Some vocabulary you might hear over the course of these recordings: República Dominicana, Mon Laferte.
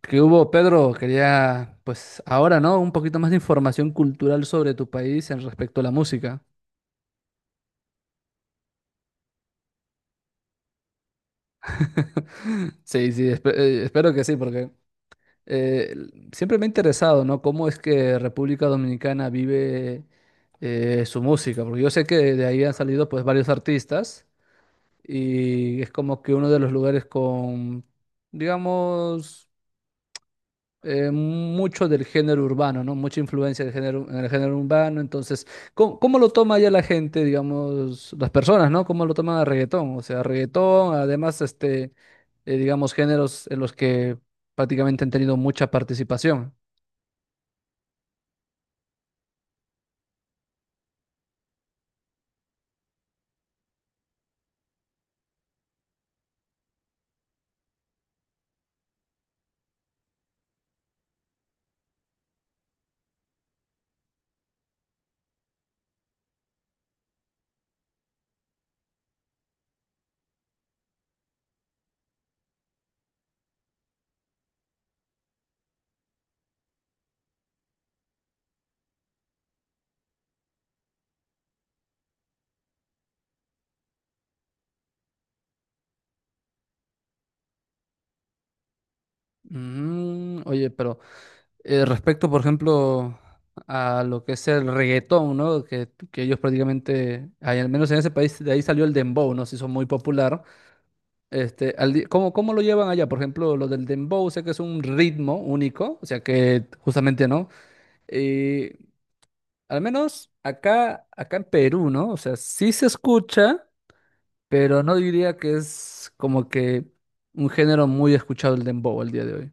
¿Qué hubo, Pedro? Quería, pues ahora, ¿no? Un poquito más de información cultural sobre tu país en respecto a la música. Sí, sí, espero que sí, porque siempre me ha interesado, ¿no? ¿Cómo es que República Dominicana vive su música? Porque yo sé que de ahí han salido pues varios artistas y es como que uno de los lugares con, digamos, mucho del género urbano, ¿no? Mucha influencia del género, en el género urbano. Entonces, ¿cómo lo toma ya la gente, digamos, las personas? ¿No? ¿Cómo lo toman a reggaetón? O sea, reggaetón, además, este, digamos, géneros en los que prácticamente han tenido mucha participación. Mm, oye, pero respecto, por ejemplo, a lo que es el reggaetón, ¿no? Que ellos prácticamente, ay, al menos en ese país, de ahí salió el dembow, ¿no? Se hizo muy popular. Este, al ¿cómo lo llevan allá? Por ejemplo, lo del dembow, sé que es un ritmo único, o sea que justamente no. Eh, al menos acá, acá en Perú, ¿no? O sea, sí se escucha, pero no diría que es como que un género muy escuchado el dembow al día de hoy.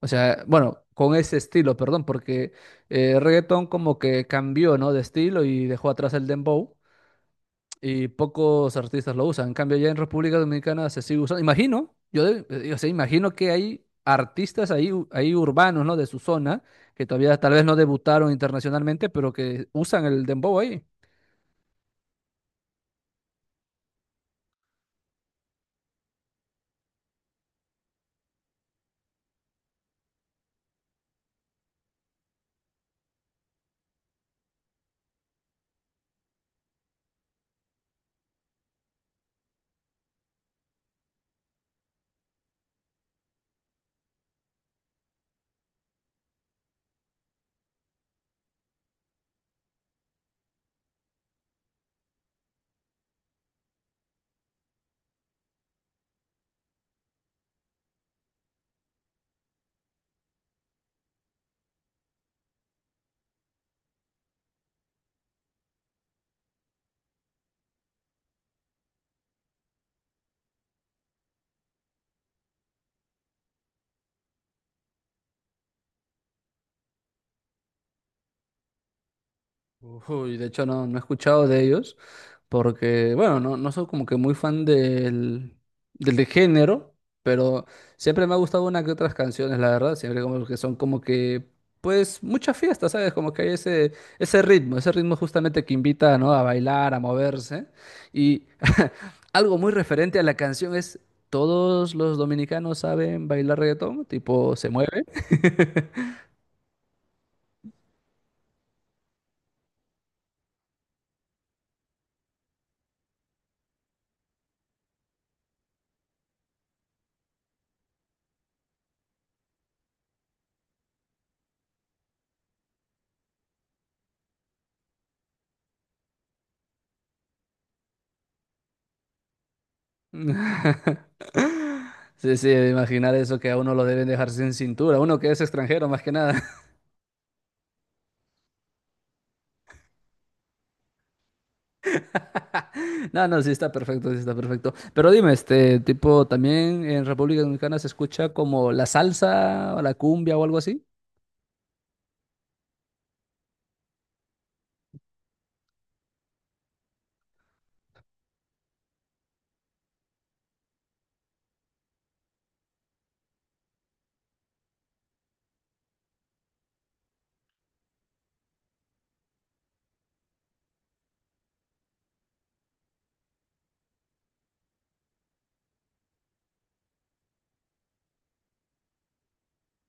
O sea, bueno, con ese estilo, perdón, porque reggaetón como que cambió, ¿no? De estilo y dejó atrás el dembow y pocos artistas lo usan. En cambio, ya en República Dominicana se sigue usando. Imagino, yo o sea, imagino que hay artistas ahí, ahí urbanos, ¿no? De su zona, que todavía tal vez no debutaron internacionalmente, pero que usan el dembow ahí. Uy, de hecho no, no he escuchado de ellos porque, bueno, no, no soy como que muy fan del, del de género, pero siempre me ha gustado una que otras canciones, la verdad, siempre como que son como que, pues, muchas fiestas, ¿sabes? Como que hay ese ritmo justamente que invita, ¿no? A bailar, a moverse. Y algo muy referente a la canción es, todos los dominicanos saben bailar reggaetón, tipo, se mueve. Sí, sí, imaginar eso que a uno lo deben dejar sin cintura, uno que es extranjero más que nada. No, no, sí está perfecto, sí está perfecto. Pero dime, ¿este tipo también en República Dominicana se escucha como la salsa o la cumbia o algo así?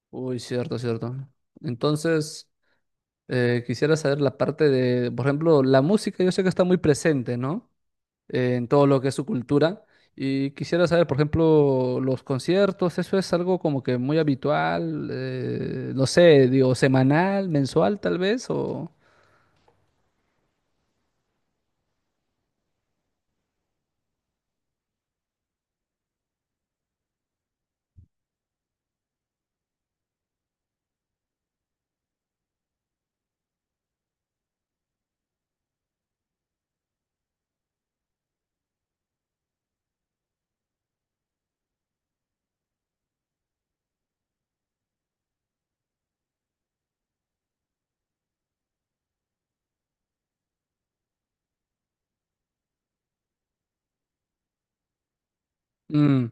Uy, cierto, cierto. Entonces, quisiera saber la parte de, por ejemplo, la música. Yo sé que está muy presente, ¿no? En todo lo que es su cultura. Y quisiera saber, por ejemplo, los conciertos. ¿Eso es algo como que muy habitual, no sé, digo, semanal, mensual tal vez, o...? Mm.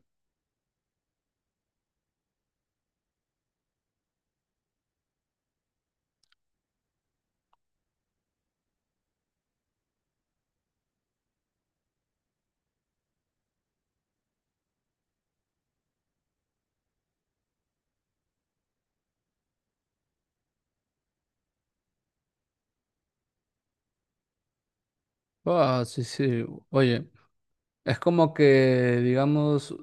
Ah, sí, sí, oye. Es como que, digamos,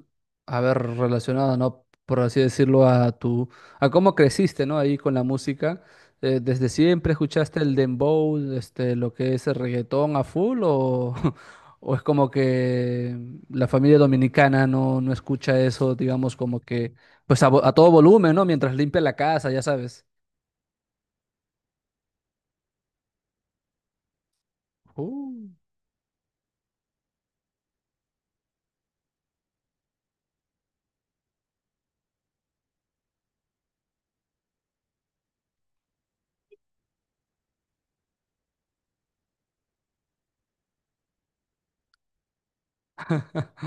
a ver, relacionado, ¿no? Por así decirlo, a cómo creciste, ¿no? Ahí con la música. ¿Desde siempre escuchaste el dembow, este, lo que es el reggaetón a full? O, o es como que la familia dominicana no, no escucha eso, digamos, como que, pues a, a todo volumen, ¿no? Mientras limpia la casa, ya sabes. Uh.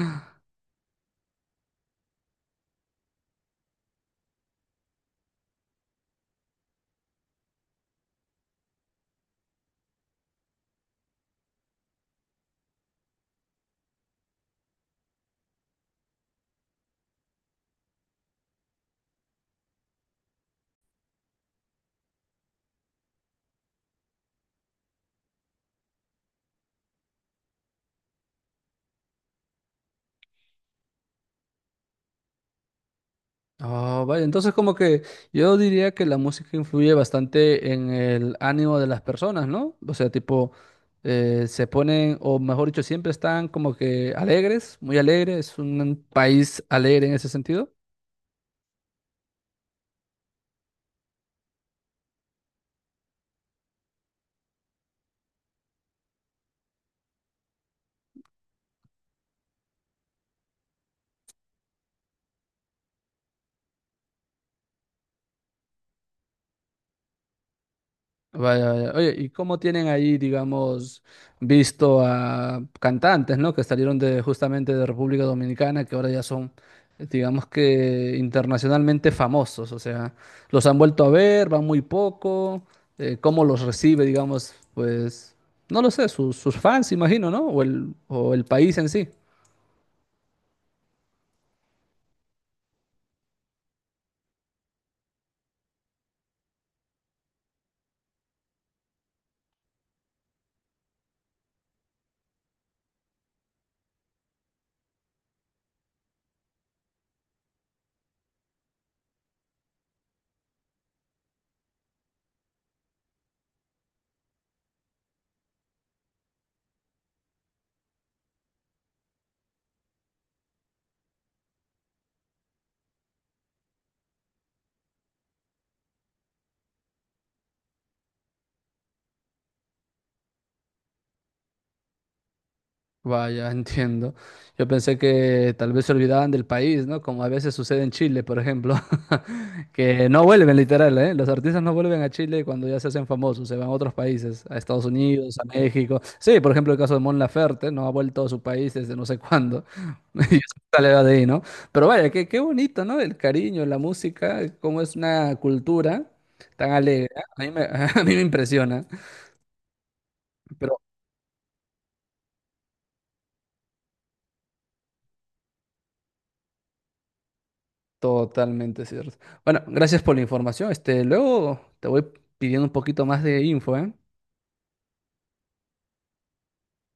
Oh, vale, entonces como que yo diría que la música influye bastante en el ánimo de las personas, ¿no? O sea, tipo, se ponen, o mejor dicho, siempre están como que alegres, muy alegres. Es un país alegre en ese sentido. Vaya, vaya. Oye, ¿y cómo tienen ahí, digamos, visto a cantantes, ¿no? Que salieron de justamente de República Dominicana, que ahora ya son, digamos, que internacionalmente famosos? O sea, los han vuelto a ver, van muy poco. ¿Cómo los recibe, digamos, pues, no lo sé, sus, sus fans, imagino, ¿no? O el país en sí? Vaya, entiendo. Yo pensé que tal vez se olvidaban del país, ¿no? Como a veces sucede en Chile, por ejemplo, que no vuelven literal, ¿eh? Los artistas no vuelven a Chile cuando ya se hacen famosos, se van a otros países, a Estados Unidos, a México. Sí, por ejemplo, el caso de Mon Laferte, no ha vuelto a su país desde no sé cuándo. Y sale de ahí, ¿no? Pero vaya, qué, qué bonito, ¿no? El cariño, la música, cómo es una cultura tan alegre. A mí me, a mí me impresiona. Pero totalmente cierto. Bueno, gracias por la información. Este, luego te voy pidiendo un poquito más de info, ¿eh?